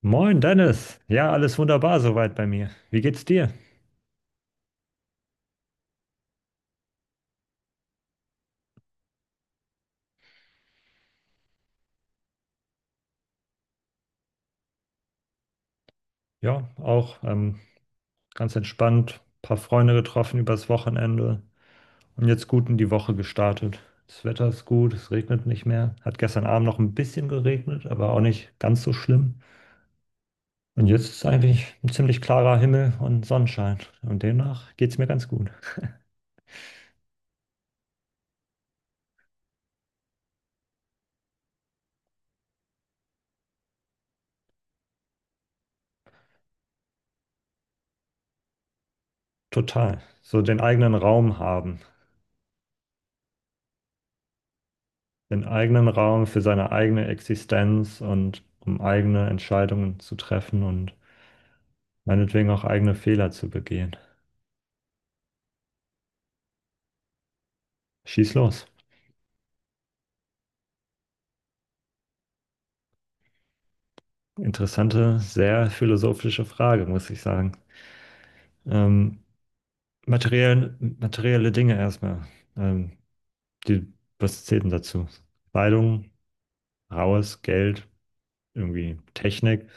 Moin Dennis, ja, alles wunderbar soweit bei mir. Wie geht's dir? Ja, auch ganz entspannt, paar Freunde getroffen übers Wochenende und jetzt gut in die Woche gestartet. Das Wetter ist gut, es regnet nicht mehr. Hat gestern Abend noch ein bisschen geregnet, aber auch nicht ganz so schlimm. Und jetzt ist eigentlich ein ziemlich klarer Himmel und Sonnenschein. Und demnach geht's mir ganz gut. Total. So den eigenen Raum haben, den eigenen Raum für seine eigene Existenz und um eigene Entscheidungen zu treffen und meinetwegen auch eigene Fehler zu begehen. Schieß los. Interessante, sehr philosophische Frage, muss ich sagen. Ähm, Materiell, materielle Dinge erstmal. Ähm, die, was zählt denn dazu? Kleidung, raues Geld, irgendwie Technik.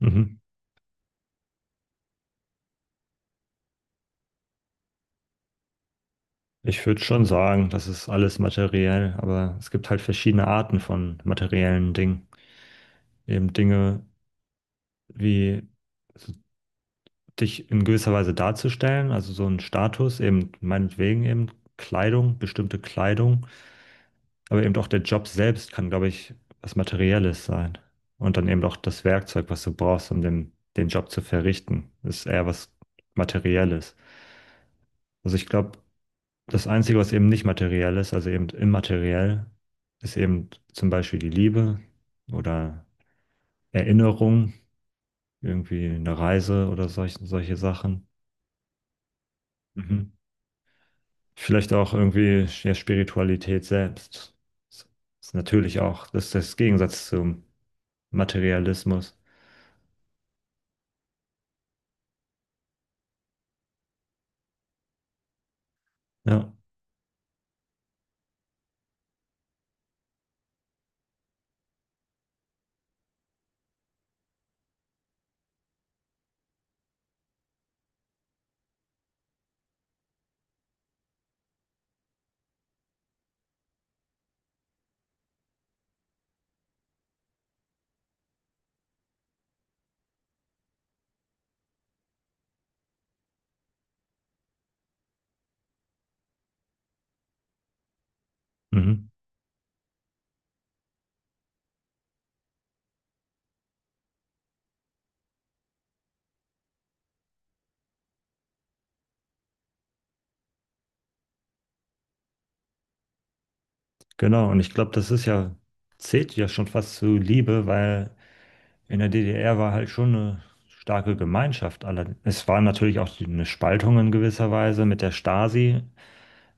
Mhm. Ich würde schon sagen, das ist alles materiell, aber es gibt halt verschiedene Arten von materiellen Dingen. Eben Dinge wie dich in gewisser Weise darzustellen, also so ein Status, eben meinetwegen eben Kleidung, bestimmte Kleidung, aber eben auch der Job selbst kann, glaube ich, was Materielles sein. Und dann eben auch das Werkzeug, was du brauchst, um den Job zu verrichten, ist eher was Materielles. Also ich glaube, das Einzige, was eben nicht materiell ist, also eben immateriell, ist eben zum Beispiel die Liebe oder Erinnerung, irgendwie eine Reise oder solche Sachen. Mhm. Vielleicht auch irgendwie ja, Spiritualität selbst. Das ist natürlich auch, das ist das Gegensatz zum Materialismus. Ja, mhm. Genau. Und ich glaube, das ist ja, zählt ja schon fast zu Liebe, weil in der DDR war halt schon eine starke Gemeinschaft. Alle- Es war natürlich auch die- eine Spaltung in gewisser Weise mit der Stasi.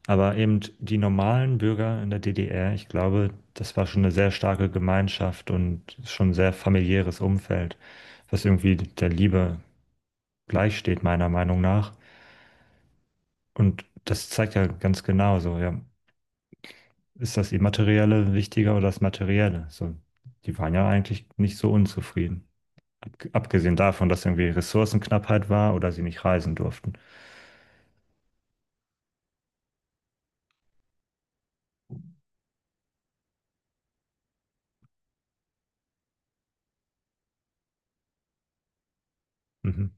Aber eben die normalen Bürger in der DDR, ich glaube, das war schon eine sehr starke Gemeinschaft und schon ein sehr familiäres Umfeld, was irgendwie der Liebe gleichsteht, meiner Meinung nach. Und das zeigt ja ganz genau so, ja, ist das Immaterielle wichtiger oder das Materielle? So, die waren ja eigentlich nicht so unzufrieden. Ab- Abgesehen davon, dass irgendwie Ressourcenknappheit war oder sie nicht reisen durften. Mhm.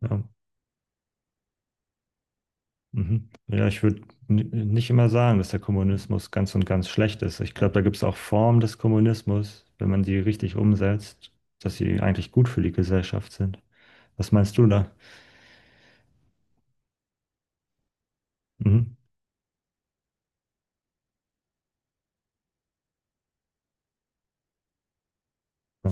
Ja. Mhm. Ja, ich würde nicht immer sagen, dass der Kommunismus ganz und ganz schlecht ist. Ich glaube, da gibt es auch Formen des Kommunismus, wenn man die richtig umsetzt, dass sie eigentlich gut für die Gesellschaft sind. Was meinst du da? Mhm. Ja.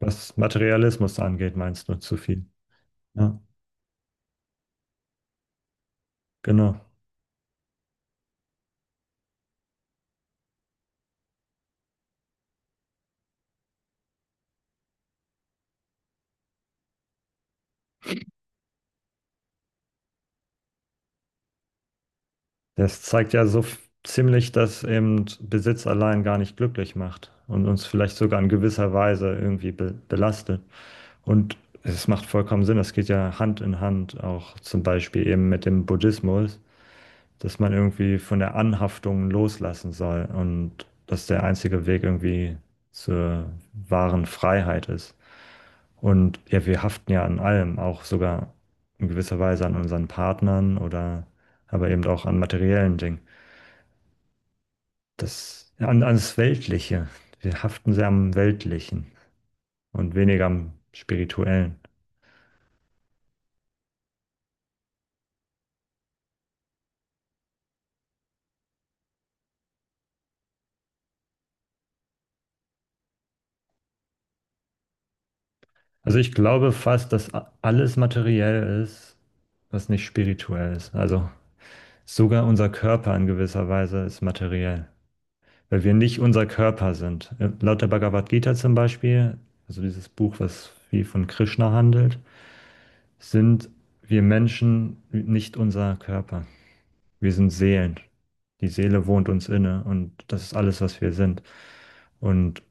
Was Materialismus angeht, meinst du zu viel? Ja, genau. Das zeigt ja so f- ziemlich, dass eben Besitz allein gar nicht glücklich macht und uns vielleicht sogar in gewisser Weise irgendwie be belastet. Und es macht vollkommen Sinn, das geht ja Hand in Hand, auch zum Beispiel eben mit dem Buddhismus, dass man irgendwie von der Anhaftung loslassen soll und dass der einzige Weg irgendwie zur wahren Freiheit ist. Und ja, wir haften ja an allem, auch sogar in gewisser Weise an unseren Partnern oder aber eben auch an materiellen Dingen. Das, an, an das Weltliche. Wir haften sehr am Weltlichen und weniger am Spirituellen. Also ich glaube fast, dass alles materiell ist, was nicht spirituell ist. Also sogar unser Körper in gewisser Weise ist materiell, weil wir nicht unser Körper sind. Laut der Bhagavad Gita zum Beispiel, also dieses Buch, was viel von Krishna handelt, sind wir Menschen nicht unser Körper. Wir sind Seelen. Die Seele wohnt uns inne und das ist alles, was wir sind. Und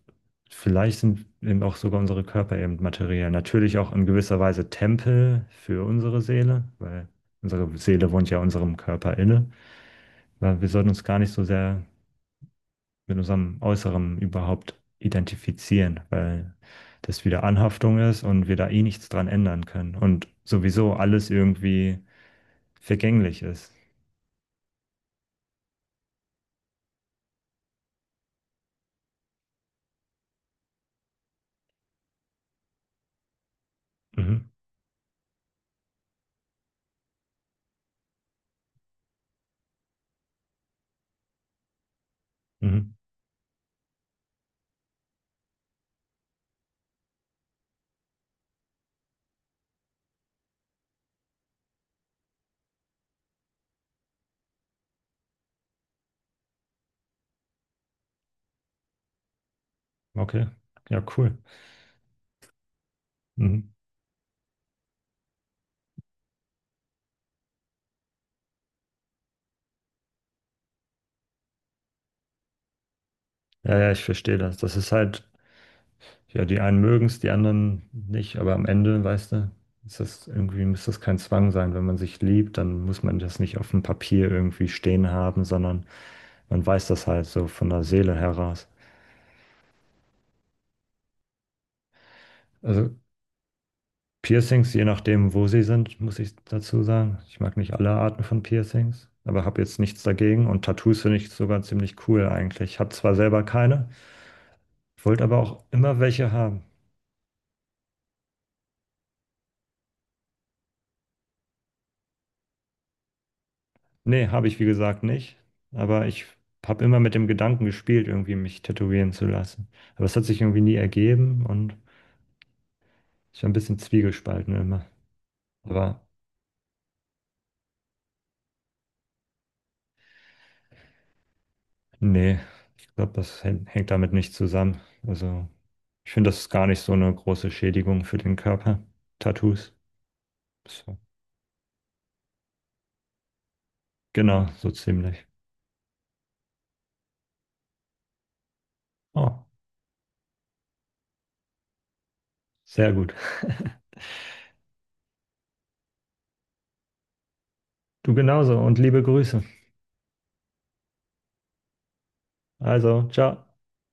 vielleicht sind eben auch sogar unsere Körper eben materiell. Natürlich auch in gewisser Weise Tempel für unsere Seele, weil unsere Seele wohnt ja unserem Körper inne. Weil wir sollten uns gar nicht so sehr mit unserem Äußeren überhaupt identifizieren, weil das wieder Anhaftung ist und wir da eh nichts dran ändern können und sowieso alles irgendwie vergänglich ist. Mhm. Mhm. Okay. Ja, cool. Mhm. Ja, ja, ich verstehe das. Das ist halt, ja, die einen mögen es, die anderen nicht, aber am Ende, weißt du, ist das irgendwie, muss das kein Zwang sein. Wenn man sich liebt, dann muss man das nicht auf dem Papier irgendwie stehen haben, sondern man weiß das halt so von der Seele heraus. Also Piercings, je nachdem, wo sie sind, muss ich dazu sagen. Ich mag nicht alle Arten von Piercings, aber habe jetzt nichts dagegen. Und Tattoos finde ich sogar ziemlich cool eigentlich. Ich habe zwar selber keine, wollte aber auch immer welche haben. Nee, habe ich wie gesagt nicht. Aber ich habe immer mit dem Gedanken gespielt, irgendwie mich tätowieren zu lassen. Aber es hat sich irgendwie nie ergeben und ich war ein bisschen zwiegespalten immer. Aber nee, ich glaube, das hängt damit nicht zusammen. Also ich finde, das ist gar nicht so eine große Schädigung für den Körper. Tattoos. So. Genau, so ziemlich. Oh, sehr gut. Du genauso und liebe Grüße. Also, ciao.